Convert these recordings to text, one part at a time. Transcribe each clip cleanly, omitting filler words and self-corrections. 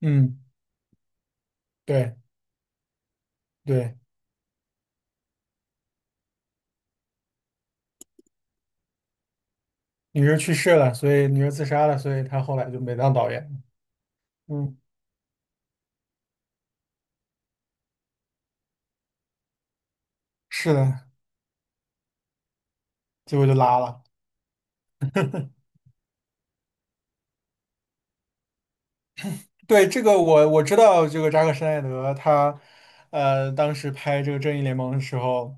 嗯，对对，女儿去世了，所以女儿自杀了，所以他后来就没当导演。嗯，是的，结果就拉了。对，这个我知道，这个扎克施奈德他，当时拍这个《正义联盟》的时候，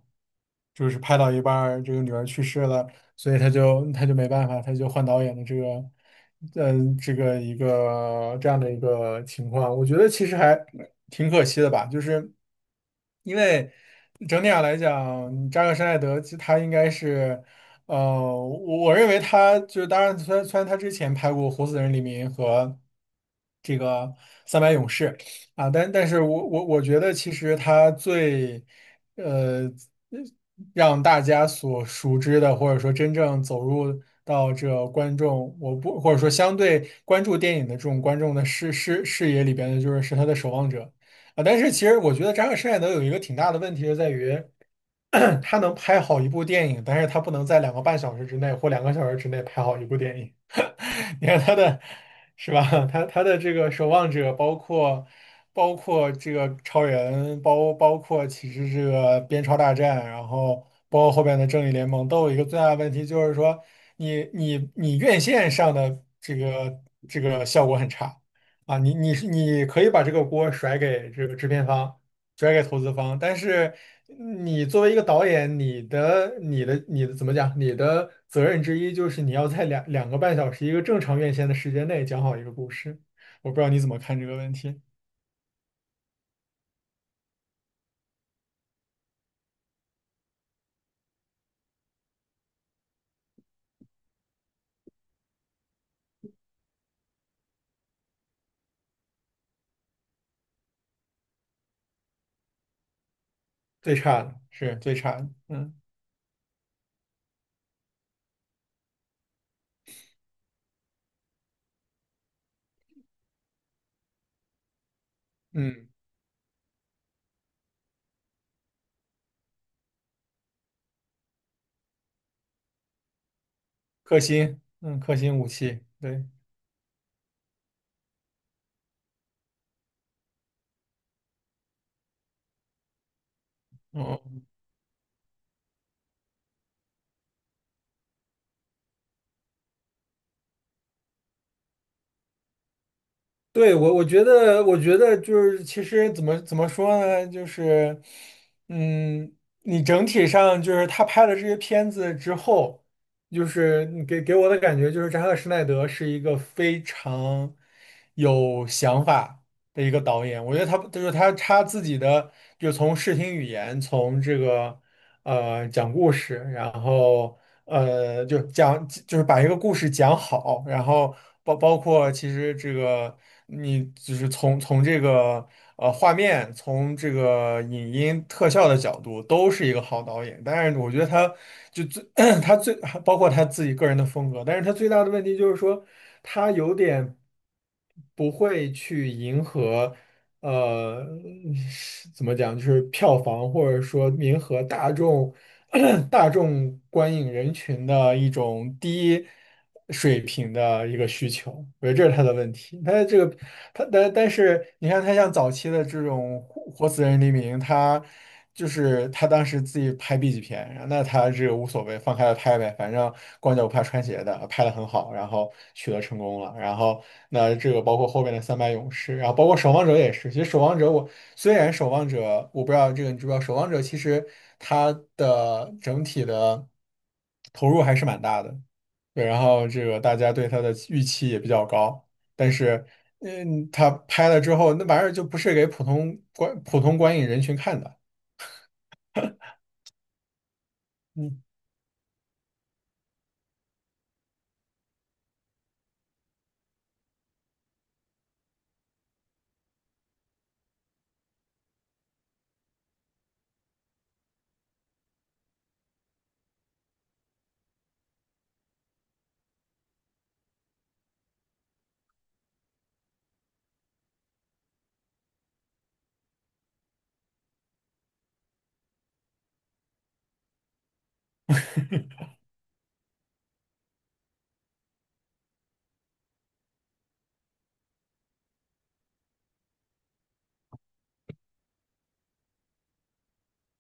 就是拍到一半儿，这个女儿去世了，所以他就没办法，他就换导演的这个，这个一个这样的一个情况，我觉得其实还挺可惜的吧，就是因为整体上来讲，扎克施奈德其实他应该是，呃，我认为他就当然，虽然他之前拍过《活死人黎明》和这个《三百勇士》啊，但是我觉得其实他最呃，让大家所熟知的，或者说真正走入到这观众，我不，或者说相对关注电影的这种观众的视野里边的，就是他的守望者啊。但是其实我觉得扎克施耐德有一个挺大的问题，就在于 他能拍好一部电影，但是他不能在两个半小时之内或两个小时之内拍好一部电影。你看他的，是吧？他的这个守望者，包括这个超人，包括其实这个边超大战，然后包括后边的正义联盟，都有一个最大的问题，就是说你院线上的这个效果很差啊，你可以把这个锅甩给这个制片方，转给投资方，但是你作为一个导演，你的怎么讲？你的责任之一就是你要在两个半小时一个正常院线的时间内讲好一个故事。我不知道你怎么看这个问题，最差的是最差的，嗯嗯，克星，嗯，克星武器，对，嗯。嗯对，我觉得，我觉得就是，其实怎么说呢，就是，嗯，你整体上就是他拍了这些片子之后，就是你给我的感觉就是扎克施奈德是一个非常有想法的一个导演。我觉得他就是他自己的，就从视听语言，从这个讲故事，然后。就是把一个故事讲好，然后包括其实这个你就是从这个画面，从这个影音特效的角度，都是一个好导演。但是我觉得他就最 他最包括他自己个人的风格，但是他最大的问题就是说他有点不会去迎合。呃，怎么讲，就是票房或者说迎合大众 大众观影人群的一种低水平的一个需求，我觉得这是他的问题。他这个他但是你看，他像早期的这种《活死人黎明》，就是他当时自己拍 B 级片，然后那他这个无所谓，放开了拍呗，反正光脚不怕穿鞋的，拍的很好，然后取得成功了。然后那这个包括后面的三百勇士，然后包括守望者也是。其实守望者我虽然守望者我不知道这个你知不知道，守望者其实它的整体的投入还是蛮大的，对，然后这个大家对它的预期也比较高，但是。他拍了之后，那玩意儿就不是给普通观影人群看的，嗯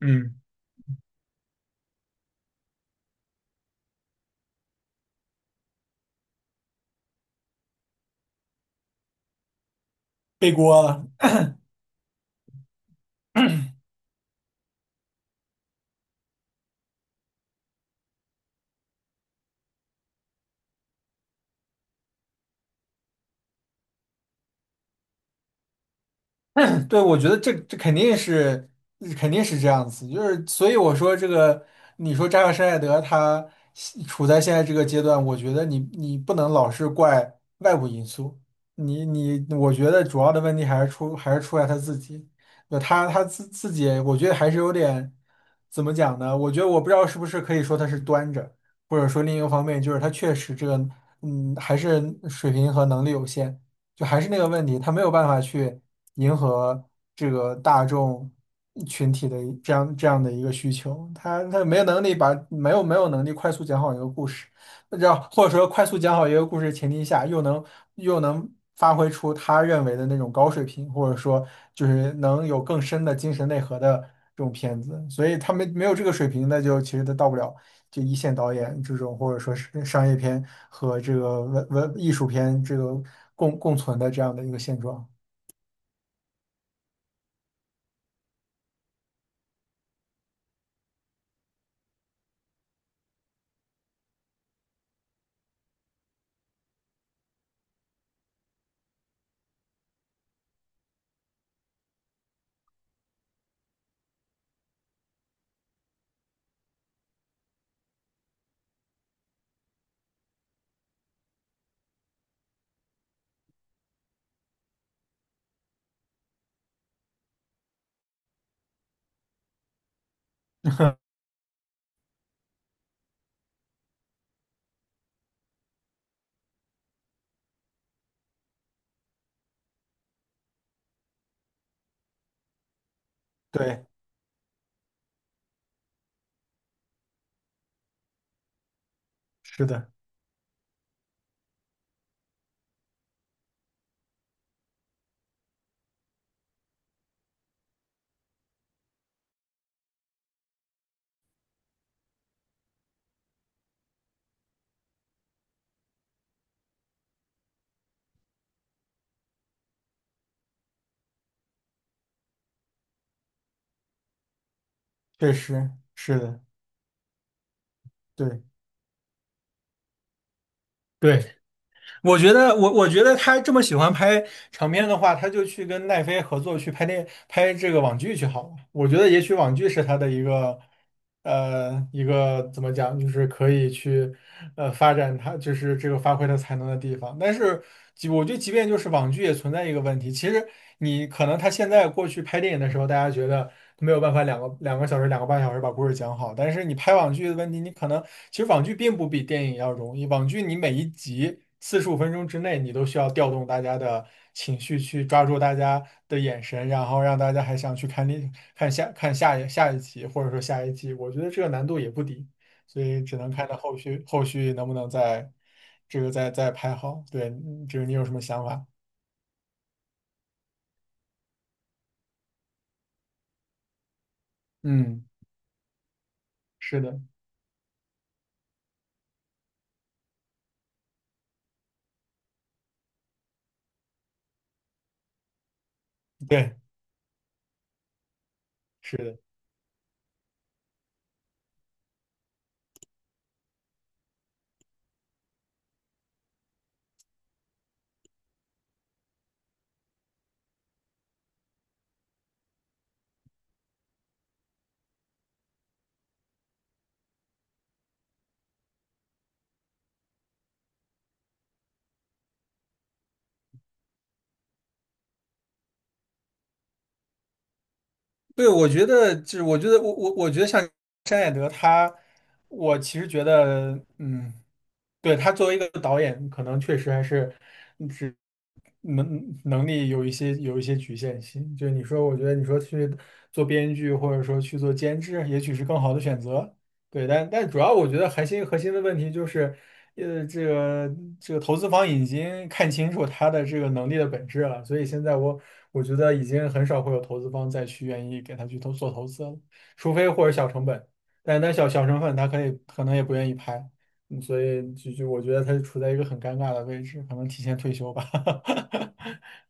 嗯，背锅，了。对，我觉得这肯定是肯定是这样子，就是所以我说这个，你说扎克施耐德他现在这个阶段，我觉得你不能老是怪外部因素，你我觉得主要的问题还是出在他自己，那他自己，我觉得还是有点怎么讲呢？我觉得我不知道是不是可以说他是端着，或者说另一个方面就是他确实这个还是水平和能力有限。就还是那个问题，他没有办法去迎合这个大众群体的这样的一个需求，他没有能力把没有没有能力快速讲好一个故事，让或者说快速讲好一个故事的前提下，又能发挥出他认为的那种高水平，或者说就是能有更深的精神内核的这种片子，所以他没有这个水平，那就其实他到不了就一线导演这种，或者说是商业片和这个文艺术片这个共存的这样的一个现状。对。是的，确实是的，对对，我觉得他这么喜欢拍长片的话，他就去跟奈飞合作去拍这个网剧去好了。我觉得也许网剧是他的一个怎么讲，就是可以去发展他就是这个发挥他才能的地方。但是我觉得，即便就是网剧也存在一个问题，其实你可能他现在过去拍电影的时候，大家觉得，没有办法两个小时、两个半小时把故事讲好，但是你拍网剧的问题，你可能其实网剧并不比电影要容易。网剧你每一集45分钟之内，你都需要调动大家的情绪，去抓住大家的眼神，然后让大家还想去看另看下看下一下一集，或者说下一季。我觉得这个难度也不低，所以只能看到后续能不能再再拍好。对，就是你有什么想法？嗯，是的，对。是的。对，我觉得就是，我觉得像山野德他，我其实觉得，对，他作为一个导演，可能确实还是只能力有一些局限性。就是你说，我觉得你说去做编剧，或者说去做监制，也许是更好的选择。对，但主要我觉得核心的问题就是，呃，这个这个投资方已经看清楚他的这个能力的本质了，所以现在我觉得已经很少会有投资方再去愿意给他去做投资了，除非或者小成本，但小成本他可能也不愿意拍，所以就我觉得他处在一个很尴尬的位置，可能提前退休吧。